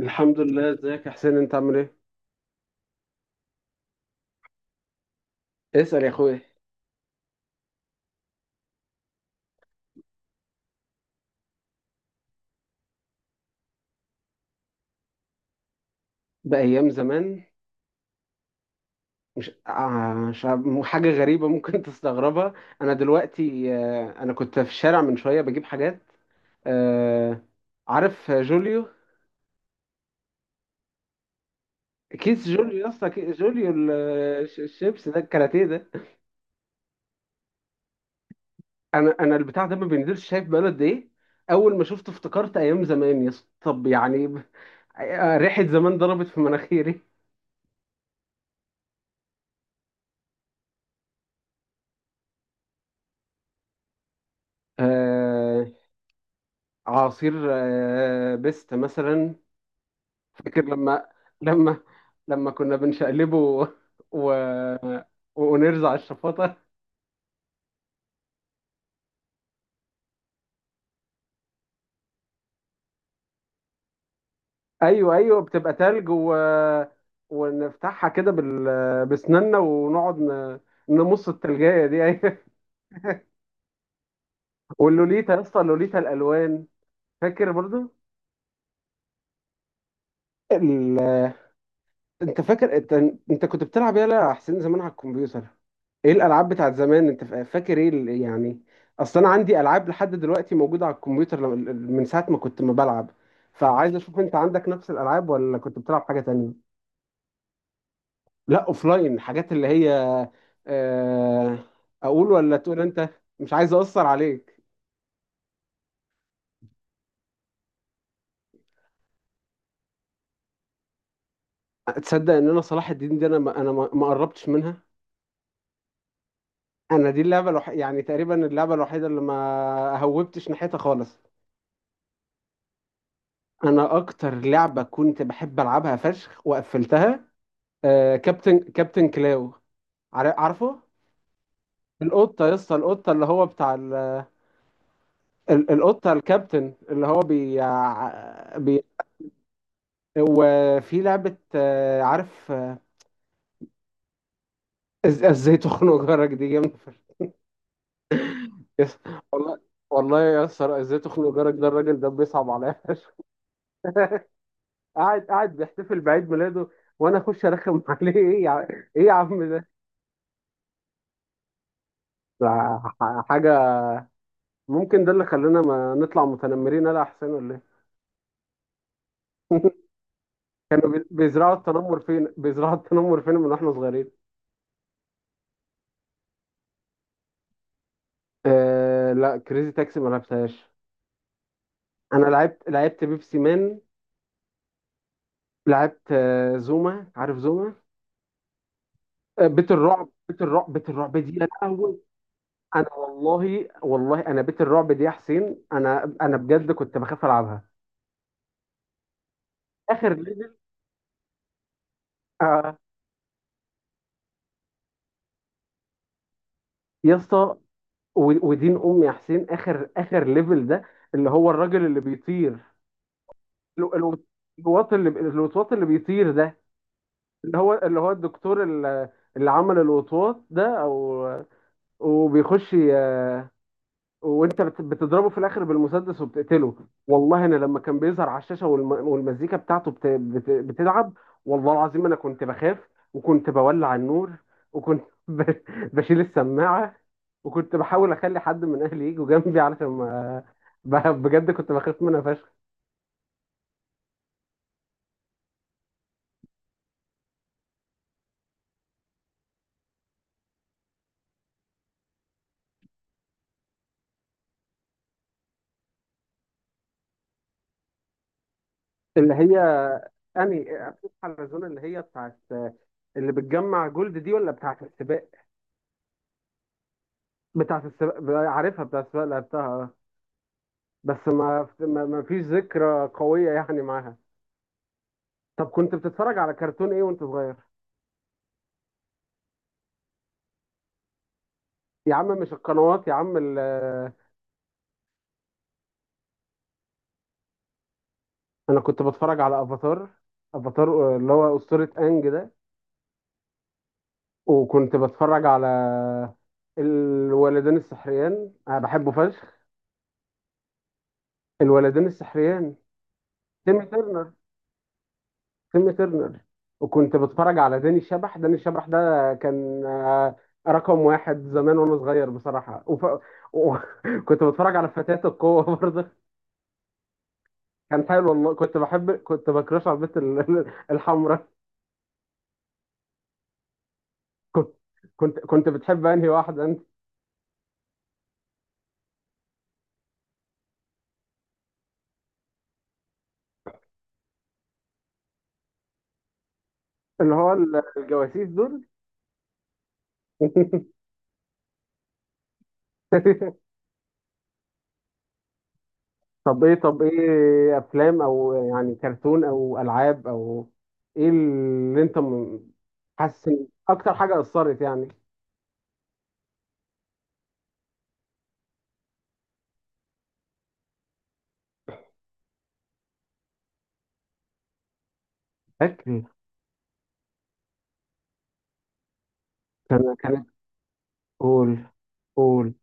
الحمد لله، ازيك يا حسين انت عامل ايه؟ اسأل يا اخويا. بأيام زمان؟ مش عارف، حاجة غريبة ممكن تستغربها. انا دلوقتي انا كنت في الشارع من شوية بجيب حاجات. آه، عارف جوليو؟ كيس جوليو يا اسطى، جوليو الشيبس ده، الكاراتيه ده. انا البتاع ده ما بينزلش، شايف بقاله قد ايه؟ اول ما شفته افتكرت ايام زمان يا اسطى، طب يعني ريحة زمان ضربت في مناخيري. آه، عصير بيست مثلا. فاكر لما لما لما كنا بنشقلبه و... و... ونرزع على الشفاطة. ايوه ايوه، بتبقى تلج و... ونفتحها كده بال... بسناننا ونقعد ن... نمص التلجاية دي، ايوه. واللوليتا يا اسطى، لوليتا الالوان، فاكر برضو؟ ال... انت فاكر انت؟ انت كنت بتلعب يالا يا حسين زمان على الكمبيوتر، ايه الالعاب بتاعت زمان انت فاكر ايه يعني؟ اصل انا عندي العاب لحد دلوقتي موجوده على الكمبيوتر من ساعه ما كنت ما بلعب، فعايز اشوف انت عندك نفس الالعاب ولا كنت بتلعب حاجه تانية. لا اوفلاين، حاجات اللي هي آه، اقول ولا تقول انت؟ مش عايز اقصر عليك. تصدق ان انا صلاح الدين دي انا ما قربتش منها؟ انا دي اللعبه الوحيده يعني، تقريبا اللعبه الوحيده اللي ما هوبتش ناحيتها خالص. انا اكتر لعبه كنت بحب العبها فشخ وقفلتها، آه، كابتن كلاو. عارفه؟ القطه يا اسطى، القطه اللي هو بتاع ال... القطه الكابتن اللي هو بي, بي... وفي لعبه آه، عارف آه، ازاي تخنق جارك، دي جامده فشخ. يس- والله، والله يا اسطى، ازاي تخنق جارك ده، الراجل ده بيصعب عليا فشخ، قاعد بيحتفل بعيد ميلاده وانا اخش ارخم عليه، ايه يا ايه يا عم ده؟ ده حاجه، ممكن ده اللي خلانا ما نطلع متنمرين، انا احسن ولا ايه؟ كانوا بيزرعوا التنمر فين، بيزرعوا التنمر فين من واحنا صغيرين. آه لا، كريزي تاكسي ما لعبتهاش. انا لعبت بيبسي مان، لعبت آه زوما، عارف زوما؟ آه، بيت الرعب دي يا لهوي، انا والله والله، انا بيت الرعب دي يا حسين، انا بجد كنت بخاف العبها. اخر ليفل آه يا اسطى، ودين امي يا حسين، اخر ليفل ده، اللي هو الراجل اللي بيطير، الو- الوطواط اللي بيطير ده، اللي هو الدكتور اللي عمل الوطواط ده، او وبيخش وانت بتضربه في الاخر بالمسدس وبتقتله. والله انا لما كان بيظهر على الشاشه والمزيكا بتاعته بتلعب، والله العظيم انا كنت بخاف وكنت بولع النور، وكنت بشيل السماعه، وكنت بحاول اخلي حد من اهلي يجوا جنبي علشان ما بجد كنت بخاف منها فشخ. اللي هي اني افوز على الزون اللي هي بتاعت، اللي بتجمع جولد دي ولا بتاعت السباق؟ بتاعت السباق، عارفها بتاعت السباق، لعبتها آه. بس ما فيش ذكرى قوية يعني معاها. طب كنت بتتفرج على كرتون ايه وانت صغير؟ يا عم مش القنوات يا عم انا كنت بتفرج على افاتار، افاتار آه، اللي هو أسطورة انج ده. وكنت بتفرج على الولدين السحريان، انا بحبه فشخ، الولدين السحريان، تيمي ترنر، تيم ترنر. وكنت بتفرج على داني الشبح، داني الشبح ده كان آه، رقم واحد زمان وانا صغير بصراحة. وف... و... كنت بتفرج على فتاة القوة برضه، كان حلو والله، كنت بكرش على البنت الحمراء. كنت كنت بتحب انهي واحدة انت؟ اللي هو الجواسيس دول. طب ايه، طب ايه افلام او يعني كرتون او العاب او ايه اللي انت حاسس إن اكتر حاجة اثرت يعني؟ فاكر كان كانت، قول، قول.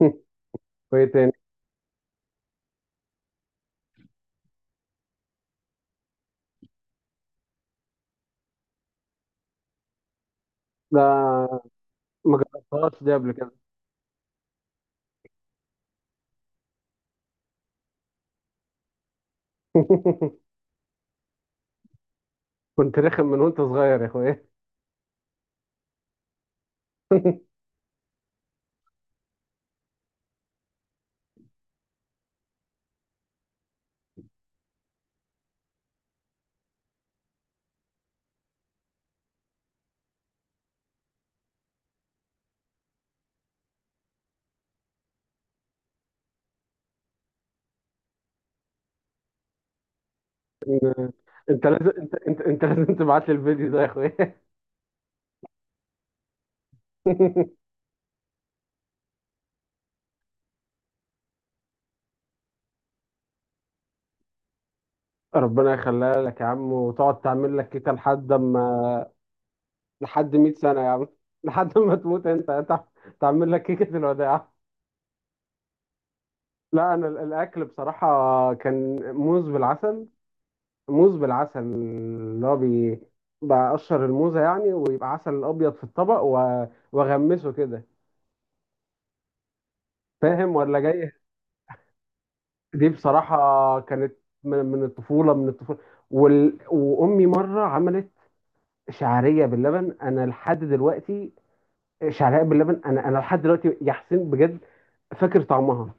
وايه تاني؟ لا ما جربتهاش دي قبل كده. كنت رخم من وانت صغير يا اخويا. انت لازم انت لازم تبعت لي الفيديو ده يا اخويا. ربنا يخليها لك يا عم، وتقعد تعمل لك كيكه لحد ما، لحد 100 سنه يا عم، لحد ما تموت انت تعمل لك كيكه الوداع. لا انا الاكل بصراحه كان موز بالعسل، موز بالعسل اللي هو بقشر الموزة يعني، ويبقى عسل أبيض في الطبق وأغمسه كده، فاهم ولا جاي؟ دي بصراحة كانت من الطفولة، من الطفولة. وال... وأمي مرة عملت شعرية باللبن، أنا لحد دلوقتي، شعرية باللبن أنا لحد دلوقتي يا حسين بجد فاكر طعمها،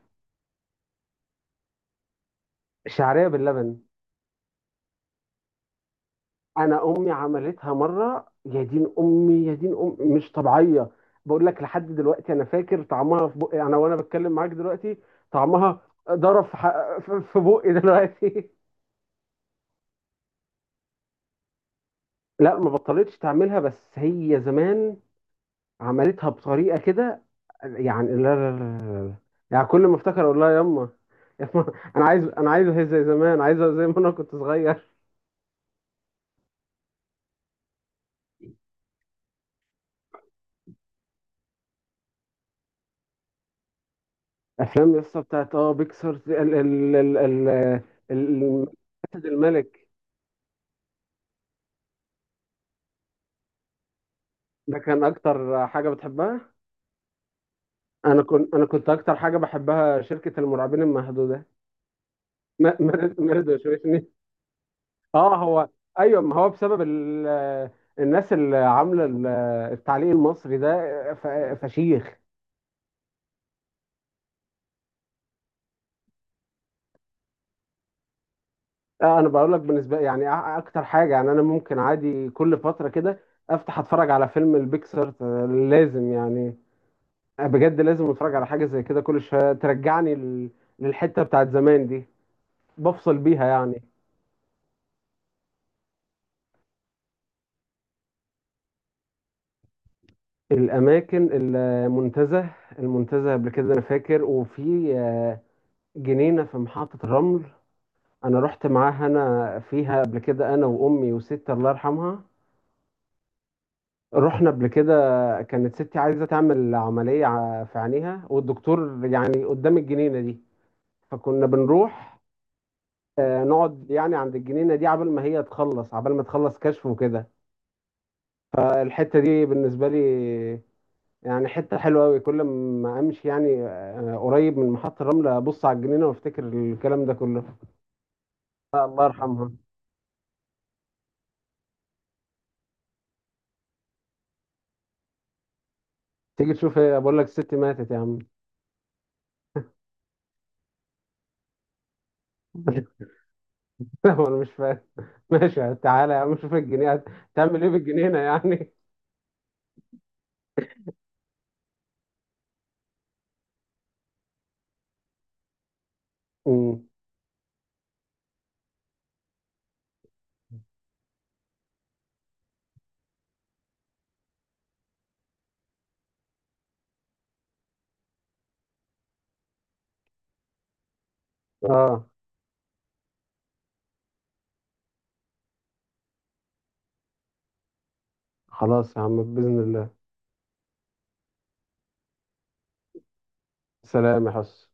شعرية باللبن. انا امي عملتها مره، يا دين امي، يا دين امي مش طبيعيه، بقول لك لحد دلوقتي انا فاكر طعمها في بقي انا وانا بتكلم معاك دلوقتي، طعمها ضرب في في بقي دلوقتي. لا ما بطلتش تعملها، بس هي زمان عملتها بطريقه كده، يعني لا لا لا لا لا. يعني كل ما افتكر اقول لها يما، يما، انا عايز هي زي زمان، عايزها زي ما انا كنت صغير. افلام يسطا بتاعت اه بيكسر ال ال ال- ال- اسد الملك، ده كان اكتر حاجه بتحبها. انا كنت اكتر حاجه بحبها شركه المرعبين المحدوده. ما رضوش. اه هو، ايوه ما هو بسبب ال... الناس اللي عامله التعليق المصري ده، ف... فشيخ. آه انا بقول لك بالنسبه يعني اكتر حاجه يعني انا ممكن عادي كل فتره كده افتح اتفرج على فيلم البيكسر، لازم يعني، آه، بجد لازم اتفرج على حاجه زي كده كل شويه ترجعني للحته بتاعت زمان دي، بفصل بيها يعني. الأماكن، المنتزه، المنتزه قبل كده أنا فاكر، وفي آه، جنينة في محطة الرمل، أنا رحت معاها، أنا فيها قبل كده أنا وأمي وستي الله يرحمها، رحنا قبل كده. كانت ستي عايزة تعمل عملية في عينيها، والدكتور يعني قدام الجنينة دي، فكنا بنروح آه، نقعد يعني عند الجنينة دي عبال ما هي تخلص، عبال ما تخلص كشف وكده. فالحتة دي بالنسبة لي يعني حتة حلوة أوي، كل ما أمشي يعني آه، قريب من محطة الرمل أبص على الجنينة وأفتكر الكلام ده كله، آه، الله يرحمها. تيجي تشوف إيه، بقول لك الست ماتت يا عم. هو أنا مش فاهم، ماشي تعالى يا عم شوف الجنينة، تعمل إيه بالجنينة يعني؟ أمم. آه خلاص يا عم بإذن الله. سلام يا حس